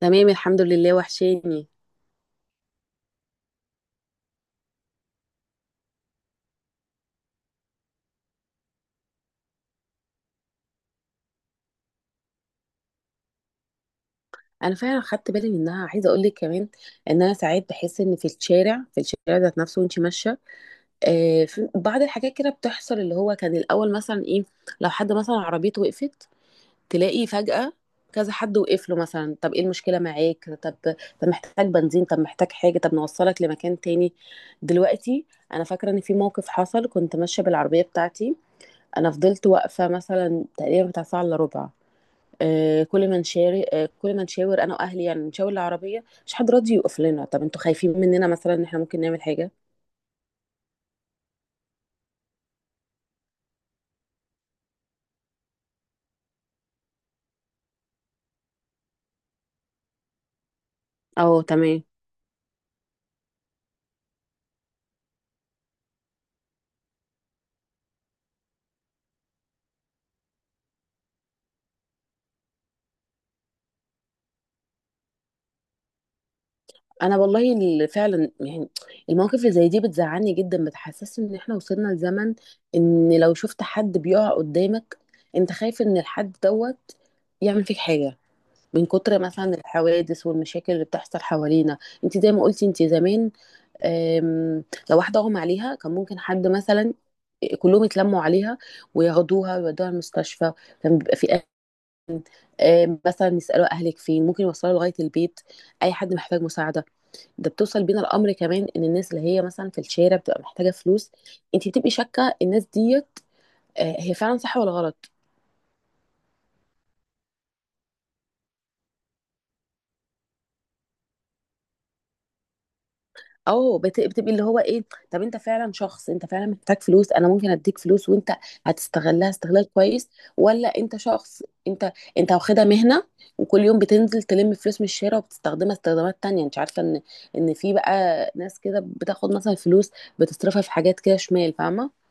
تمام، الحمد لله وحشاني. انا فعلا خدت بالي منها، عايزه اقول لك كمان ان انا ساعات بحس ان في الشارع ذات نفسه وانت ماشيه. آه، في بعض الحاجات كده بتحصل، اللي هو كان الاول مثلا ايه؟ لو حد مثلا عربيته وقفت تلاقي فجأة كذا حد وقف له، مثلا طب ايه المشكله معاك، طب محتاج بنزين، طب محتاج حاجه، طب نوصلك لمكان تاني. دلوقتي انا فاكره ان في موقف حصل، كنت ماشيه بالعربيه بتاعتي، انا فضلت واقفه مثلا تقريبا بتاع ساعه الا ربع. كل ما نشارك، كل ما نشاور انا واهلي، يعني نشاور العربيه، مش حد راضي يوقف لنا. طب انتوا خايفين مننا مثلا ان احنا ممكن نعمل حاجه؟ اه، تمام. انا والله فعلا يعني المواقف اللي زي دي بتزعلني جدا، بتحسسني ان احنا وصلنا لزمن ان لو شفت حد بيقع قدامك انت خايف ان الحد دوت يعمل فيك حاجه، من كتر مثلا الحوادث والمشاكل اللي بتحصل حوالينا. انت زي ما قلتي، انت زمان، أم، لو واحدة أغمى عليها كان ممكن حد مثلا، كلهم يتلموا عليها وياخدوها ويودوها المستشفى. كان بيبقى في أهل، مثلا يسألوا أهلك فين، ممكن يوصلوا لغاية البيت. أي حد محتاج مساعدة. ده بتوصل بينا الأمر كمان، إن الناس اللي هي مثلا في الشارع بتبقى محتاجة فلوس، أنت بتبقي شاكة الناس ديت آه، هي فعلا صح ولا غلط. اه، بتبقي اللي هو ايه، طب انت فعلا شخص، انت فعلا محتاج فلوس انا ممكن اديك فلوس وانت هتستغلها استغلال كويس، ولا انت شخص انت، انت واخدها مهنة وكل يوم بتنزل تلم فلوس من الشارع وبتستخدمها استخدامات تانية. انت عارفة ان ان في بقى ناس كده بتاخد مثلا فلوس بتصرفها في حاجات كده شمال، فاهمة؟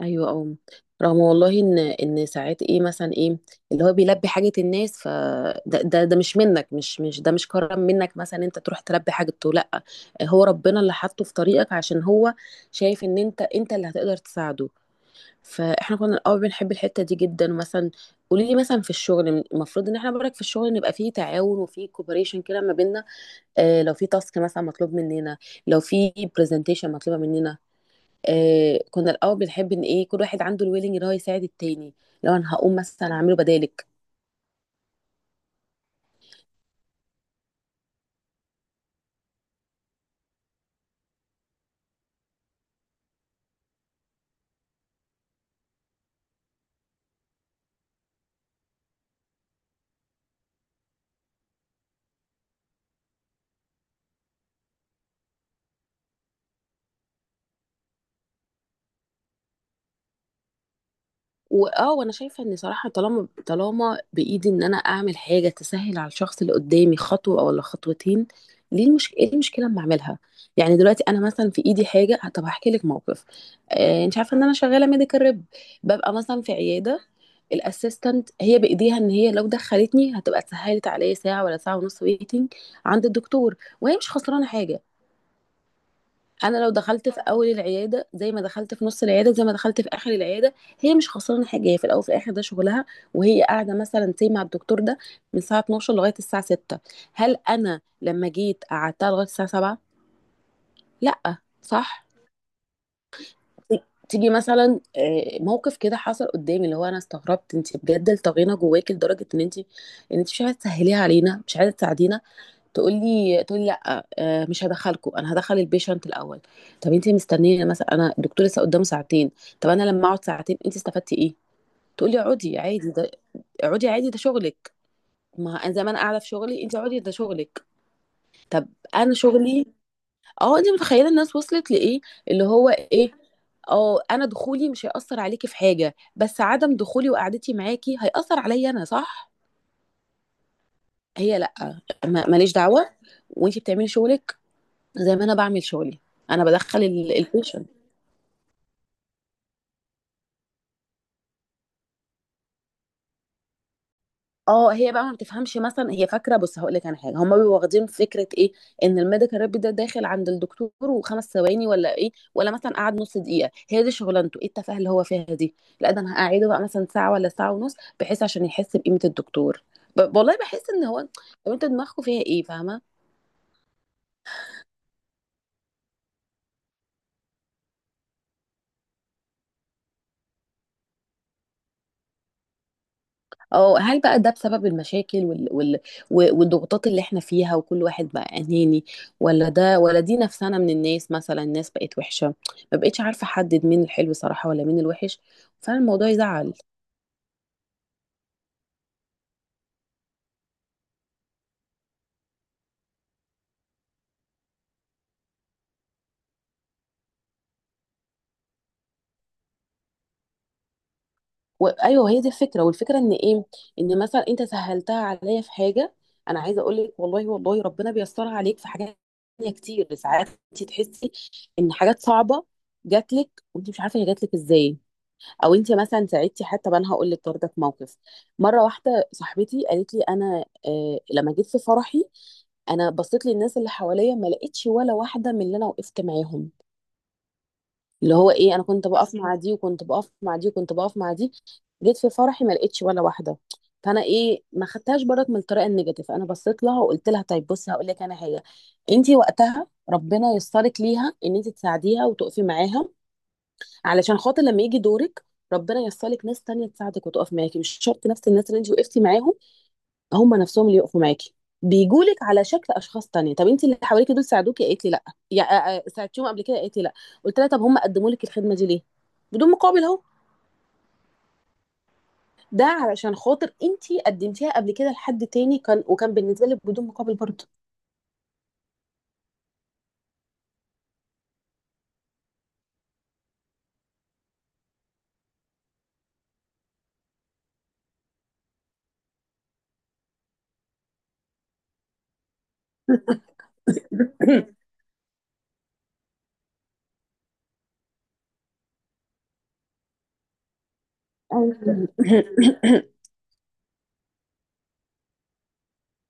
ايوه، اه، رغم والله ان ان ساعات ايه مثلا ايه، اللي هو بيلبي حاجه الناس ف ده مش منك، مش ده مش كرم منك مثلا انت تروح تلبي حاجته، لا هو ربنا اللي حاطه في طريقك، عشان هو شايف ان انت اللي هتقدر تساعده. فاحنا كنا الاول بنحب الحته دي جدا. مثلا قولي لي مثلا في الشغل، المفروض ان احنا برك في الشغل نبقى فيه تعاون وفيه كوبريشن كده ما بيننا. آه، لو في تاسك مثلا مطلوب مننا، لو في برزنتيشن مطلوبه مننا، آه، كنا الاول بنحب ان ايه، كل واحد عنده الويلنج اللي هو يساعد التاني. لو انا هقوم مثلا اعمله بدالك، واه، وانا شايفه ان صراحه طالما بايدي ان انا اعمل حاجه تسهل على الشخص اللي قدامي خطوه ولا خطوتين، ليه ايه المشكله اما اعملها؟ يعني دلوقتي انا مثلا في ايدي حاجه. آه، طب هحكي لك موقف. آه، انت عارفه ان انا شغاله ميديكال ريب، ببقى مثلا في عياده. الاسيستنت هي بايديها ان هي لو دخلتني هتبقى سهلت عليا ساعه ولا ساعه ونص ويتنج عند الدكتور، وهي مش خسرانه حاجه. انا لو دخلت في اول العياده زي ما دخلت في نص العياده زي ما دخلت في اخر العياده، هي مش خسرانه حاجه، هي في الاول وفي الاخر ده شغلها. وهي قاعده مثلا سي مع الدكتور ده من الساعه 12 لغايه الساعه 6. هل انا لما جيت قعدتها لغايه الساعه 7؟ لا، صح. تيجي مثلا موقف كده حصل قدامي، اللي هو انا استغربت انت بجد الطغينه جواك لدرجه ان انت ان انت مش عايزه تسهليها علينا، مش عايزه تساعدينا. تقول لي لا مش هدخلكم، انا هدخل البيشنت الاول. طب انت مستنيه مثلا، انا الدكتور لسه قدامه ساعتين، طب انا لما اقعد ساعتين انت استفدتي ايه؟ تقول لي اقعدي عادي ده، اقعدي عادي ده شغلك. ما انا زي ما انا قاعده في شغلي، انت اقعدي ده شغلك. طب انا شغلي، اه انت متخيله الناس وصلت لايه، اللي هو ايه، اه انا دخولي مش هيأثر عليكي في حاجه، بس عدم دخولي وقعدتي معاكي هيأثر عليا انا، صح؟ هي لا، ماليش دعوه. وانت بتعملي شغلك زي ما أنا باعمل شغلي، أنا بادخّل الpatient. آه، هي بقى ما بتفهمش مثلًا، هي فاكرة بُص هاقول لِك أنا حاجة، هُم بيبقوا واخدين فكرة إيه، إن الmedical rep ده داخل عند الدكتور و5 ثواني والّا إيه، والّا مثلًا قعد نُص دقيقة، هي دي شغلانته، إيه التفاهة اللي هو فيها دي؟ لأ ده أنا هاقعّده بقى مثلًا ساعة والّا ساعة ونُص، بحيث عشان يحس بقيمة الدكتور. ب والله باحس إن هو، طب أنتم دماغكم فيها إيه، فاهمة؟ اه، هل بقى ده بسبب المشاكل والضغوطات اللي احنا فيها، وكل واحد بقى اناني، ولا ده ولا دي نفسنا من الناس، مثلا الناس بقت وحشة، ما بقتش عارفة احدد مين الحلو صراحة ولا مين الوحش. فعلا الموضوع يزعل. وايوه، هي دي الفكرة. والفكرة ان ايه، ان مثلا انت سهلتها عليا في حاجة، انا عايزة اقول لك والله والله ربنا بيسرها عليك في حاجات تانية كتير. ساعات انت تحسي ان حاجات صعبة جات لك وانت مش عارفة هي جات لك ازاي، او انت مثلا ساعدتي حتى. طب انا هقول لك برضه في موقف مره واحده صاحبتي قالت لي، انا آه لما جيت في فرحي، انا بصيت للناس اللي حواليا ما لقيتش ولا واحده من اللي انا وقفت معاهم. اللي هو ايه، انا كنت بقف مع دي وكنت بقف مع دي وكنت بقف مع دي، جيت في فرحي ما لقيتش ولا واحده. فانا ايه، ما خدتهاش برضك من الطريقه النيجاتيف، انا بصيت لها وقلت لها، طيب بصي هقول لك انا حاجه، انت وقتها ربنا يسرك ليها ان انت تساعديها وتقفي معاها، علشان خاطر لما يجي دورك ربنا يسرلك ناس تانية تساعدك وتقف معاكي. مش شرط نفس الناس اللي انت وقفتي معاهم هم نفسهم اللي يقفوا معاكي، بيجولك على شكل اشخاص تانية. طب انت اللي حواليك دول ساعدوكي؟ قالت لي لا. يا ساعدتيهم قبل كده؟ قالت لي لا. قلت لها طب هم قدموا لك الخدمة دي ليه بدون مقابل؟ اهو، ده علشان خاطر انت قدمتيها قبل كده لحد تاني كان، وكان بالنسبة لك بدون مقابل برضه.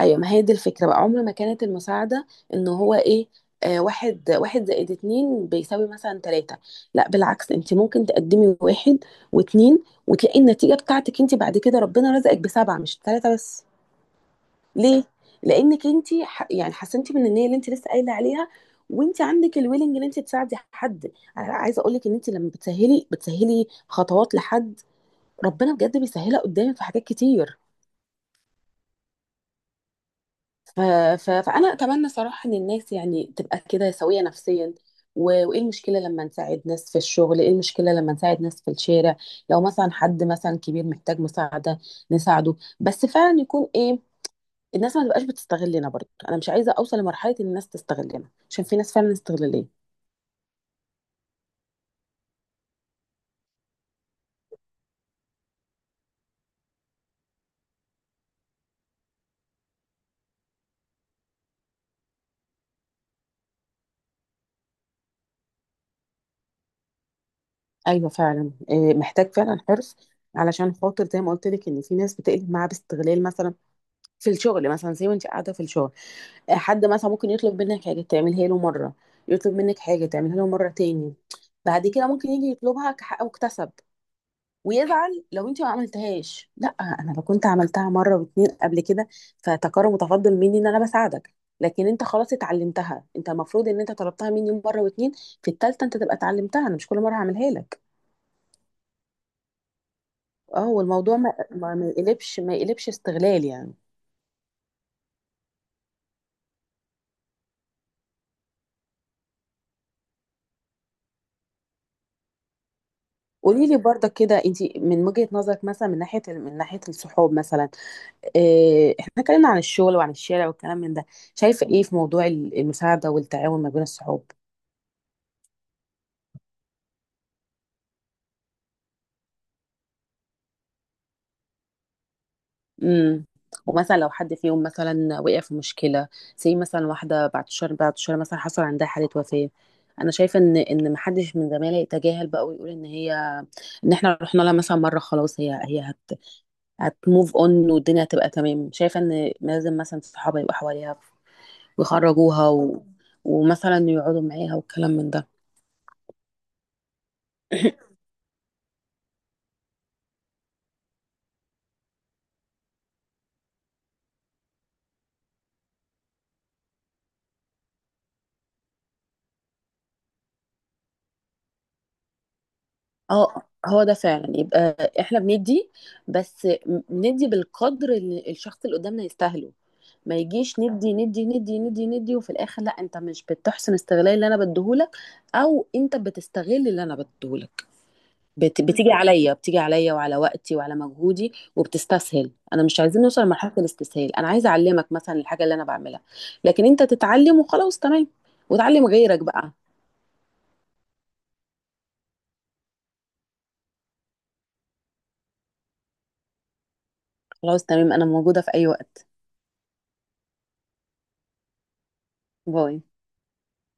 أيوه، ما هي دي الفكرة بقى. عمر ما كانت المساعدة إن هو إيه، آه، واحد واحد زائد اتنين بيساوي مثلا تلاتة. لا بالعكس، أنت ممكن تقدمي واحد واتنين وتلاقي النتيجة بتاعتك أنت بعد كده ربنا رزقك بسبعة مش تلاتة بس. ليه؟ لأنك أنت يعني حسنتي من النية اللي أنت لسه قايلة عليها، وأنت عندك الويلنج إن أنت تساعدي حد. أنا عايزة أقول لك إن أنت لما بتسهلي خطوات لحد، ربنا بجد بيسهلها قدامك في حاجات كتير. ف... فانا اتمنى صراحه ان الناس يعني تبقى كده سويه نفسيا، وايه المشكله لما نساعد ناس في الشغل، ايه المشكله لما نساعد ناس في الشارع؟ لو مثلا حد مثلا كبير محتاج مساعده نساعده، بس فعلا يكون ايه، الناس ما تبقاش بتستغلنا برضه. انا مش عايزه اوصل لمرحله ان الناس تستغلنا، عشان في ناس فعلا استغلاليه. ايوه فعلا، إيه محتاج فعلا حرص، علشان خاطر زي ما قلت لك ان في ناس بتقلب معاها باستغلال، مثلا في الشغل مثلا زي ما انت قاعده في الشغل حد مثلا ممكن يطلب منك حاجة تعملها له مرة، يطلب منك حاجة تعملها له مرة تاني، بعد كده ممكن يجي يطلبها كحق مكتسب ويزعل لو انت ما عملتهاش. لا، انا لو كنت عملتها مرة واتنين قبل كده فتكرم متفضل مني ان انا بساعدك، لكن انت خلاص اتعلمتها، انت المفروض ان انت طلبتها مني مرة واتنين، في التالتة انت تبقى اتعلمتها، انا مش كل مرة هعملها لك. اه، والموضوع ما يقلبش استغلال يعني. قولي لي برضك كده انت من وجهة نظرك مثلا من ناحية الصحاب مثلا، إيه، احنا اتكلمنا عن الشغل وعن الشارع والكلام من ده، شايفة ايه في موضوع المساعدة والتعاون ما بين الصحاب؟ امم، ومثلا لو حد فيهم مثلا وقع في مشكلة، زي مثلا واحدة بعد شهر مثلا حصل عندها حالة وفاة، انا شايفة ان ان ما حدش من زمايلي يتجاهل بقى ويقول ان هي، ان احنا رحنا لها مثلا مرة خلاص هي هي هت هتموف اون والدنيا هتبقى تمام. شايفة ان لازم مثلا صحابها يبقوا حواليها ويخرجوها ومثلا يقعدوا معاها والكلام من ده. اه، هو ده فعلا. يبقى احنا بندي، بس ندي بالقدر اللي الشخص اللي قدامنا يستاهله، ما يجيش ندي ندي ندي ندي ندي وفي الاخر لا انت مش بتحسن استغلال اللي انا بديهولك، او انت بتستغل اللي انا بديهولك. بتيجي عليا وعلى وقتي وعلى مجهودي وبتستسهل. انا مش عايزين نوصل لمرحلة الاستسهال، انا عايزه اعلمك مثلا الحاجة اللي انا بعملها، لكن انت تتعلم وخلاص، تمام، وتعلم غيرك بقى. خلاص تمام، انا موجودة في اي وقت. باي.